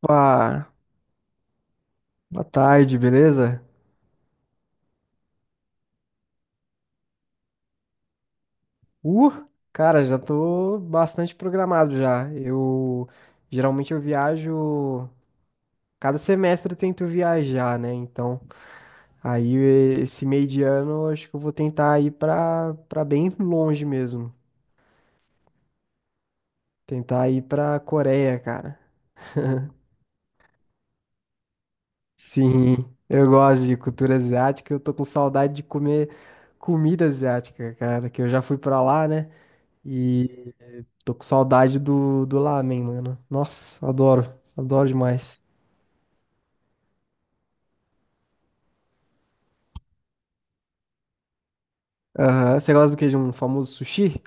Opa, boa tarde, beleza? Uh, Cara, já tô bastante programado já. Eu geralmente eu viajo, cada semestre eu tento viajar, né? Então, aí esse meio de ano eu acho que eu vou tentar ir pra bem longe mesmo. Tentar ir pra Coreia, cara. Sim, eu gosto de cultura asiática, eu tô com saudade de comer comida asiática, cara, que eu já fui pra lá, né? E tô com saudade do lamen, mano. Nossa, adoro. Adoro demais. Aham, você gosta do que? De um famoso sushi?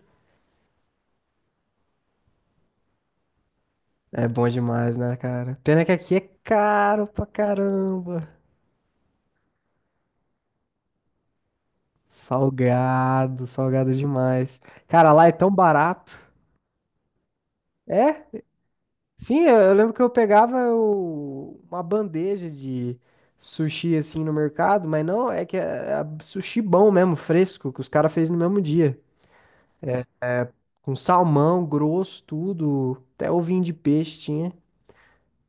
É bom demais, né, cara? Pena que aqui é caro pra caramba. Salgado, salgado demais. Cara, lá é tão barato. É? Sim, eu lembro que eu pegava uma bandeja de sushi assim no mercado, mas não, é que é sushi bom mesmo, fresco, que os caras fez no mesmo dia. Com salmão grosso, tudo. Até ovinho de peixe tinha.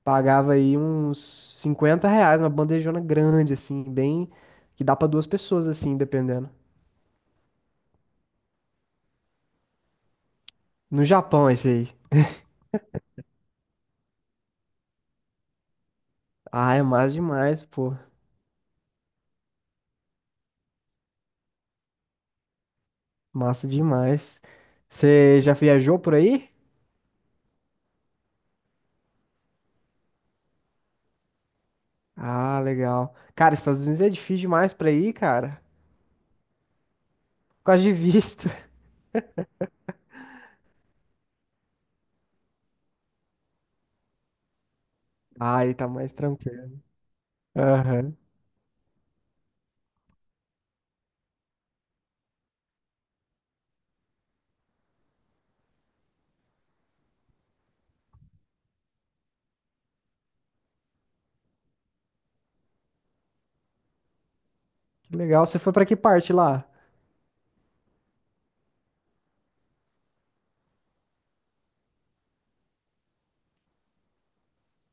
Pagava aí uns R$ 50, uma bandejona grande, assim, bem. Que dá pra 2 pessoas, assim, dependendo. No Japão, esse aí. Ah, é massa demais, pô. Massa demais. Você já viajou por aí? Ah, legal. Cara, Estados Unidos é difícil demais pra ir, cara. Por causa de visto. Ah, aí tá mais tranquilo. Aham. Que legal. Você foi pra que parte lá?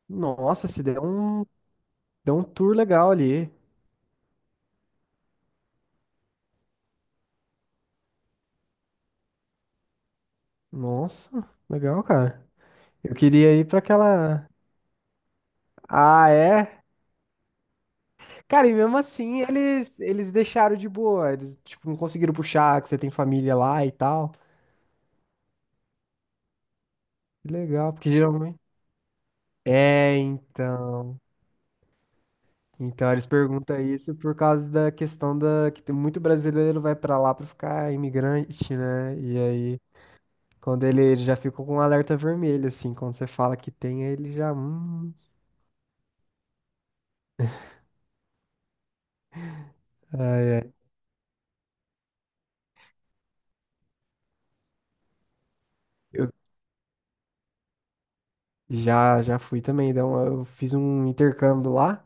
Nossa, se deu um, deu um tour legal ali. Nossa, legal, cara. Eu queria ir pra aquela. Ah, é? Cara, e mesmo assim eles deixaram de boa. Eles, tipo, não conseguiram puxar que você tem família lá e tal. Que legal, porque geralmente. É, então. Então eles perguntam isso por causa da questão da que tem muito brasileiro vai pra lá pra ficar imigrante, né? E aí, quando ele já ficou com um alerta vermelho, assim, quando você fala que tem, aí ele já. Ai, ai. Eu, já, fui também. Então, eu fiz um intercâmbio lá,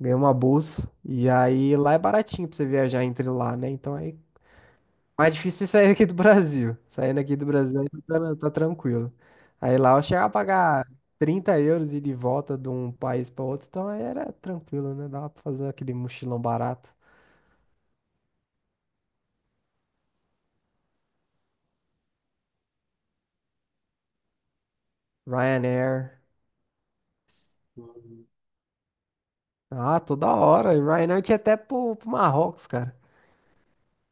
ganhei uma bolsa. E aí lá é baratinho pra você viajar entre lá, né? Então aí mais difícil é sair aqui do Brasil. Saindo aqui do Brasil aí tá tranquilo. Aí lá eu chegava a pagar 30 euros e de volta de um país pra outro, então aí era tranquilo, né? Dava pra fazer aquele mochilão barato. Ryanair. Ah, toda hora. Ryanair tinha até pro Marrocos, cara.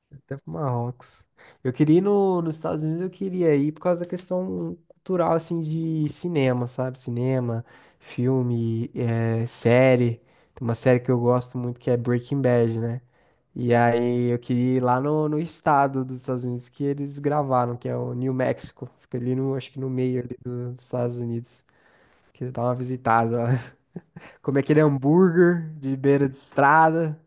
Até pro Marrocos. Eu queria ir no, nos Estados Unidos, eu queria ir por causa da questão cultural, assim, de cinema, sabe? Cinema, filme, série. Tem uma série que eu gosto muito que é Breaking Bad, né? E aí eu queria ir lá no estado dos Estados Unidos que eles gravaram, que é o New Mexico. Fica ali no, acho que no meio ali dos Estados Unidos. Queria dar uma visitada lá. Comer aquele hambúrguer de beira de estrada.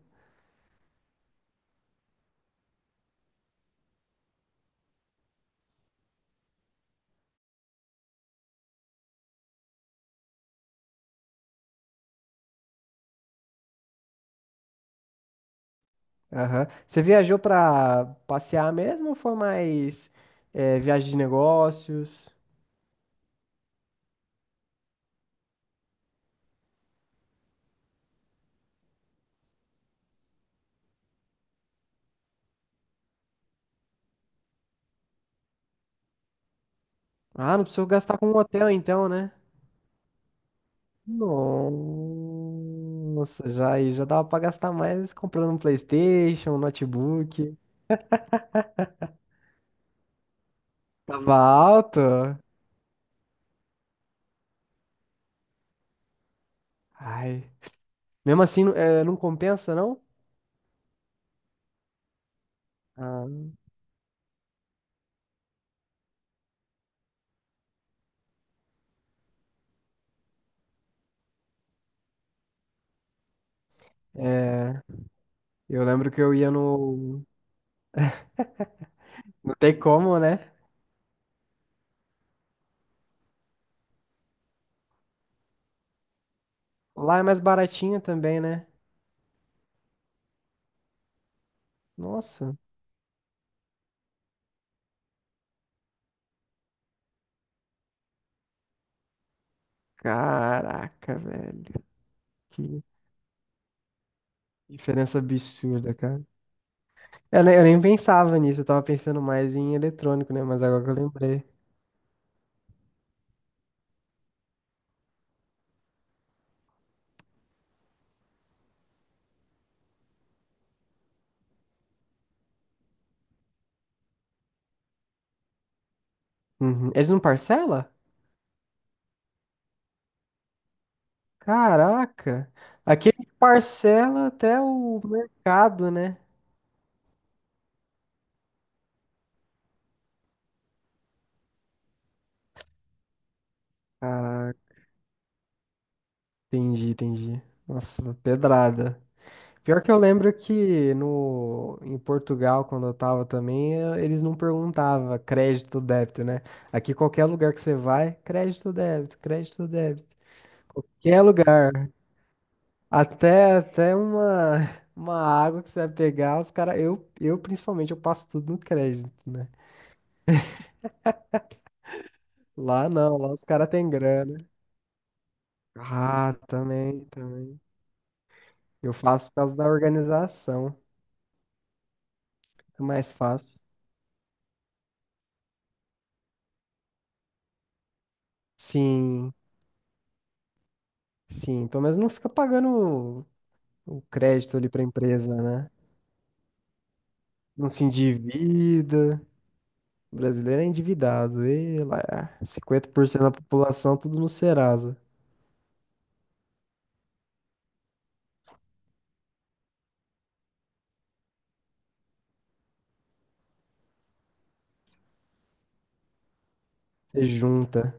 Aham. Você viajou pra passear mesmo ou foi mais viagem de negócios? Ah, não precisou gastar com um hotel então, né? Nossa, já aí já dava pra gastar mais comprando um PlayStation, um notebook. Tava alto. Ai. Mesmo assim, não não compensa, não? Ah, eu lembro que eu ia no. Não tem como, né? Lá é mais baratinho também, né? Nossa. Caraca, velho. Diferença absurda, cara. Eu, eu nem pensava nisso, eu tava pensando mais em eletrônico, né? Mas agora que eu lembrei. Uhum. Eles não parcela? Caraca! Aqui ele parcela até o mercado, né? Caraca, entendi, entendi. Nossa, pedrada. Pior que eu lembro que no, em Portugal, quando eu tava também, eles não perguntavam crédito ou débito, né? Aqui qualquer lugar que você vai, crédito ou débito, crédito ou débito. Qualquer lugar. Até uma, uma água que você vai pegar, os caras. Eu principalmente, eu passo tudo no crédito, né? Lá não, lá os caras têm grana. Ah, também, também. Eu faço por causa da organização. É mais fácil. Sim, sim. Pelo menos não fica pagando o crédito ali pra empresa, né? Não se endivida. O brasileiro é endividado. E lá, 50% da população, tudo no Serasa. Você junta.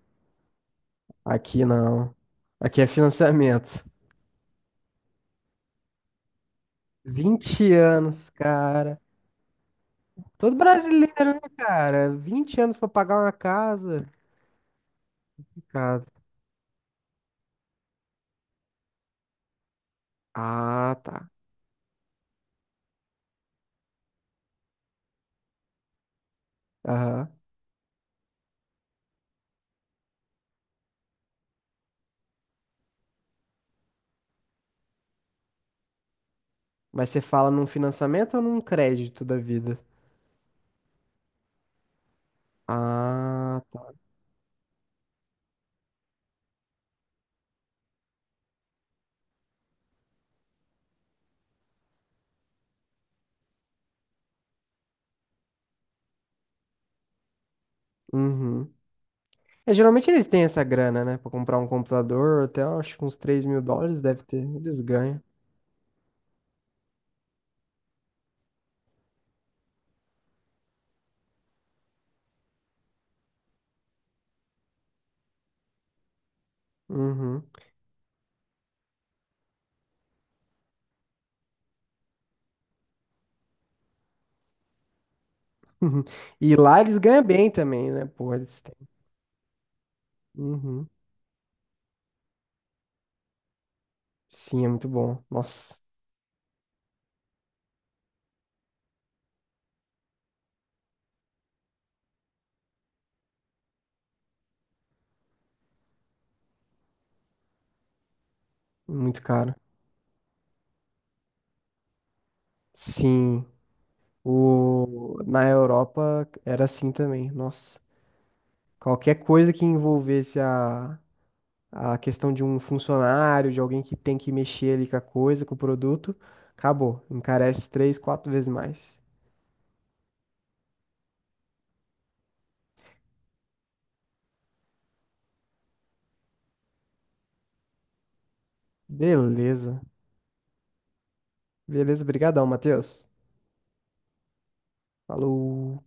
Aqui não. Aqui é financiamento. 20 anos, cara. Todo brasileiro, né, cara? 20 anos pra pagar uma casa. Complicado. Ah, tá. Aham. Mas você fala num financiamento ou num crédito da vida? Ah, tá. Uhum. É, geralmente eles têm essa grana, né? Pra comprar um computador, até acho que uns 3 mil dólares deve ter. Eles ganham. Uhum. E lá eles ganham bem também, né? Pô, eles têm. Uhum. Sim, é muito bom. Nossa, muito caro. Sim, o... na Europa era assim também. Nossa, qualquer coisa que envolvesse a questão de um funcionário, de alguém que tem que mexer ali com a coisa, com o produto, acabou. Encarece 3, 4 vezes mais. Beleza. Beleza, brigadão, Matheus. Falou.